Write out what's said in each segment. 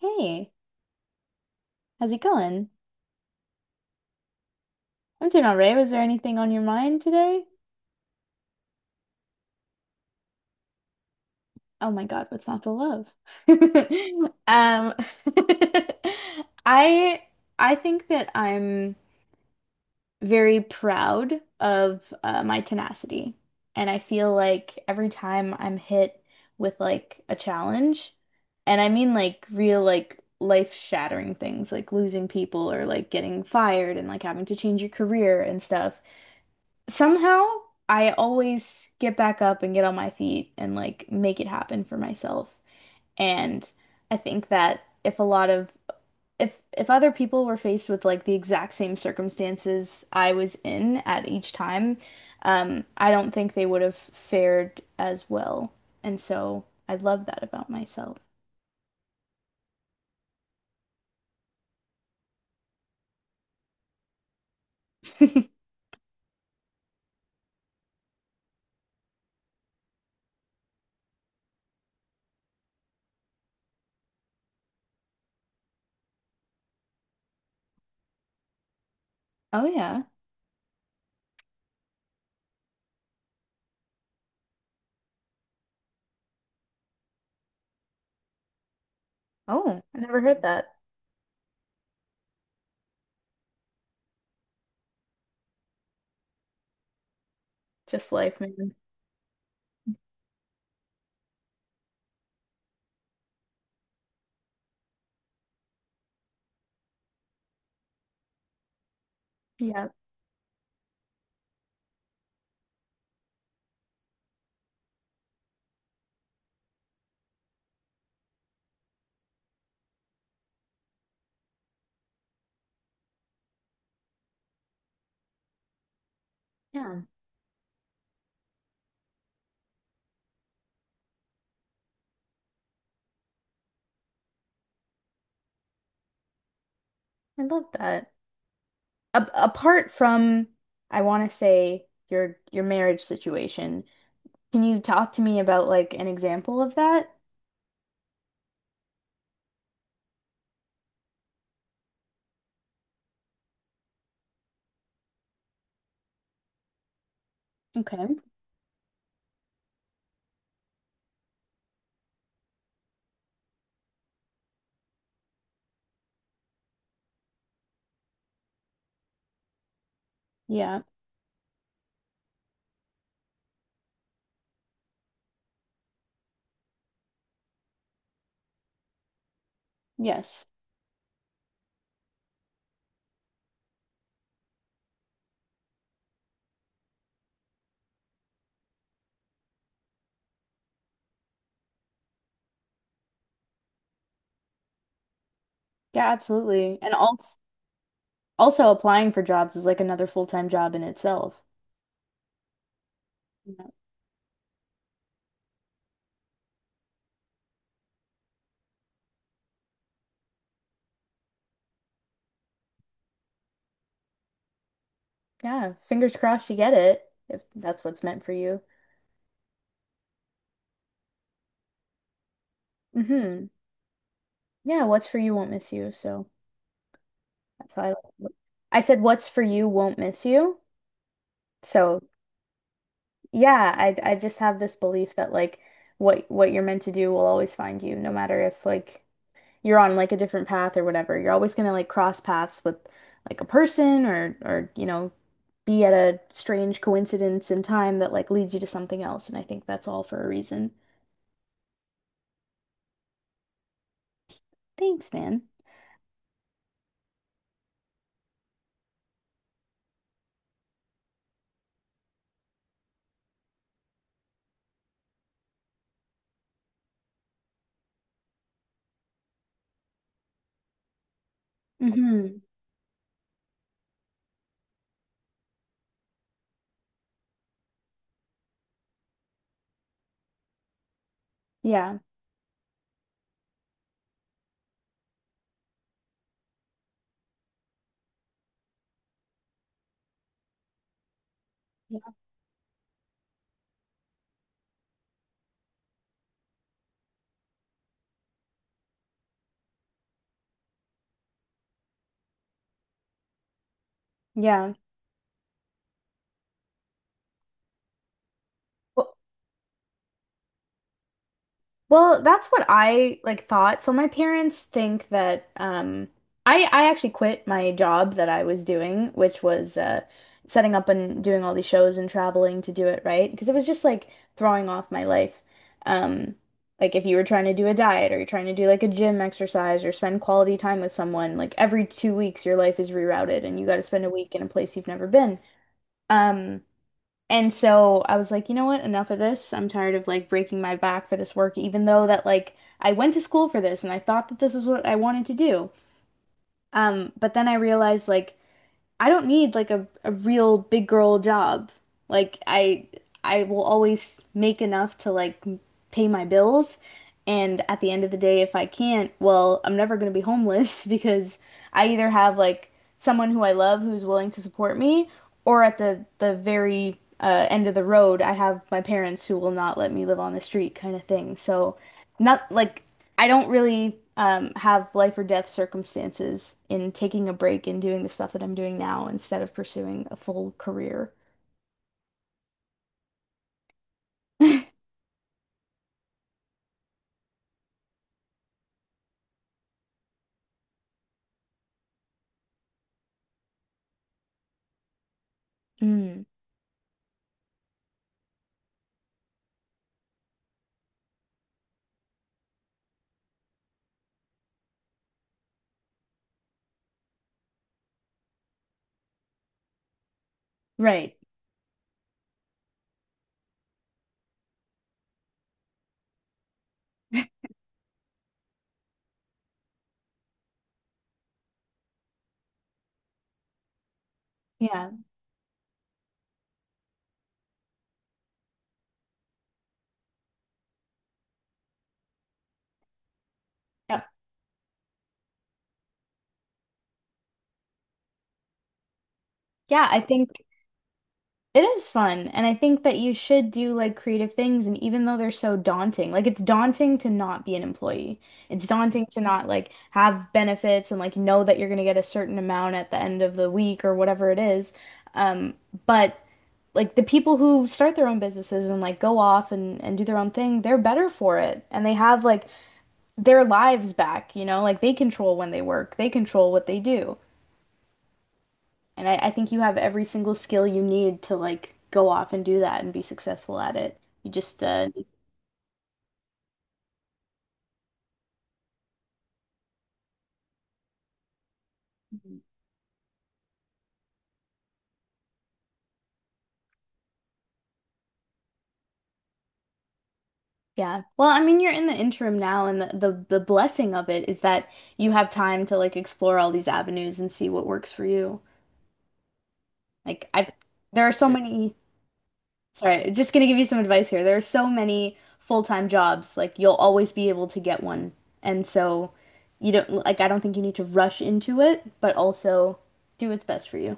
Hey, how's it going? I'm doing all right. Was there anything on your mind today? Oh my God, what's not to love? Um, I I think that I'm very proud of my tenacity, and I feel like every time I'm hit with like a challenge, and I mean like real like life-shattering things, like losing people or like getting fired and like having to change your career and stuff. Somehow, I always get back up and get on my feet and like make it happen for myself. And I think that if a lot of if other people were faced with like the exact same circumstances I was in at each time, I don't think they would have fared as well. And so I love that about myself. Oh yeah. Oh, I never heard that. Just life, man. Yeah. Yeah, I love that. A apart from, I want to say your marriage situation, can you talk to me about like an example of that? Okay. Yeah. Yes. Yeah, absolutely. And also also applying for jobs is like another full-time job in itself. Yeah. Yeah, fingers crossed you get it if that's what's meant for you. Mm-hmm. Yeah, what's for you won't miss you. So that's how I I said what's for you won't miss you. So yeah, I just have this belief that like what you're meant to do will always find you, no matter if like you're on like a different path or whatever. You're always gonna like cross paths with like a person or you know be at a strange coincidence in time that like leads you to something else. And I think that's all for a reason. Thanks, man. Hmm. Yeah. Yeah. Yeah. Well, Well, that's what I like thought. So my parents think that I actually quit my job that I was doing, which was setting up and doing all these shows and traveling to do it, right? Because it was just like throwing off my life. Um like if you were trying to do a diet or you're trying to do like a gym exercise or spend quality time with someone, like every 2 weeks your life is rerouted and you got to spend a week in a place you've never been. Um and so I was like, you know what? Enough of this. I'm tired of like breaking my back for this work, even though that like I went to school for this and I thought that this is what I wanted to do. But then I realized like I don't need like a real big girl job. Like I will always make enough to like pay my bills. And at the end of the day, if I can't, well, I'm never going to be homeless because I either have like someone who I love who's willing to support me, or at the very end of the road, I have my parents who will not let me live on the street kind of thing. So not like I don't really have life or death circumstances in taking a break and doing the stuff that I'm doing now instead of pursuing a full career. Mm, right. Yeah. Yep. Yeah, I think it is fun. And I think that you should do like creative things. And even though they're so daunting, like it's daunting to not be an employee, it's daunting to not like have benefits and like know that you're going to get a certain amount at the end of the week or whatever it is. Um, but like the people who start their own businesses and like go off and do their own thing, they're better for it and they have like their lives back, you know? Like they control when they work, they control what they do. And I think you have every single skill you need to like go off and do that and be successful at it. You just yeah. Well, I mean, you're in the interim now and the the blessing of it is that you have time to like explore all these avenues and see what works for you. Like I there are so yeah many. Sorry, just gonna give you some advice here. There are so many full-time jobs, like you'll always be able to get one. And so you don't like I don't think you need to rush into it, but also do what's best for you.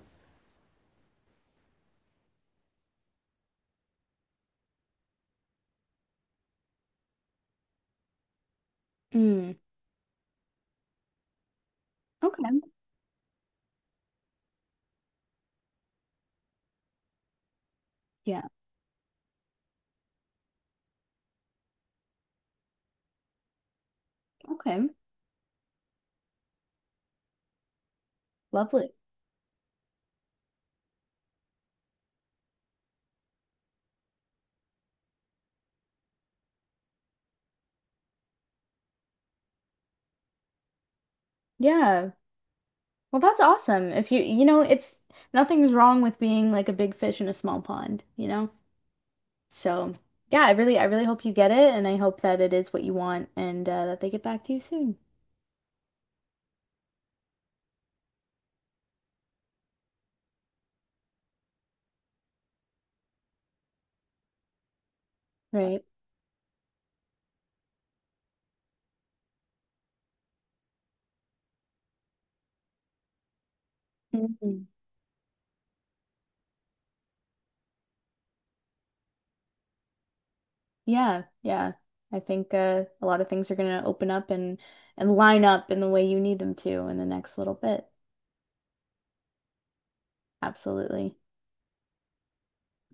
Mm. Okay. Yeah. Okay. Lovely. Yeah, well, that's awesome. If you you know, it's nothing's wrong with being like a big fish in a small pond, you know? So, yeah, I really hope you get it and I hope that it is what you want and that they get back to you soon. Right. Mhm. Yeah, yeah. I think a lot of things are going to open up and line up in the way you need them to in the next little bit. Absolutely.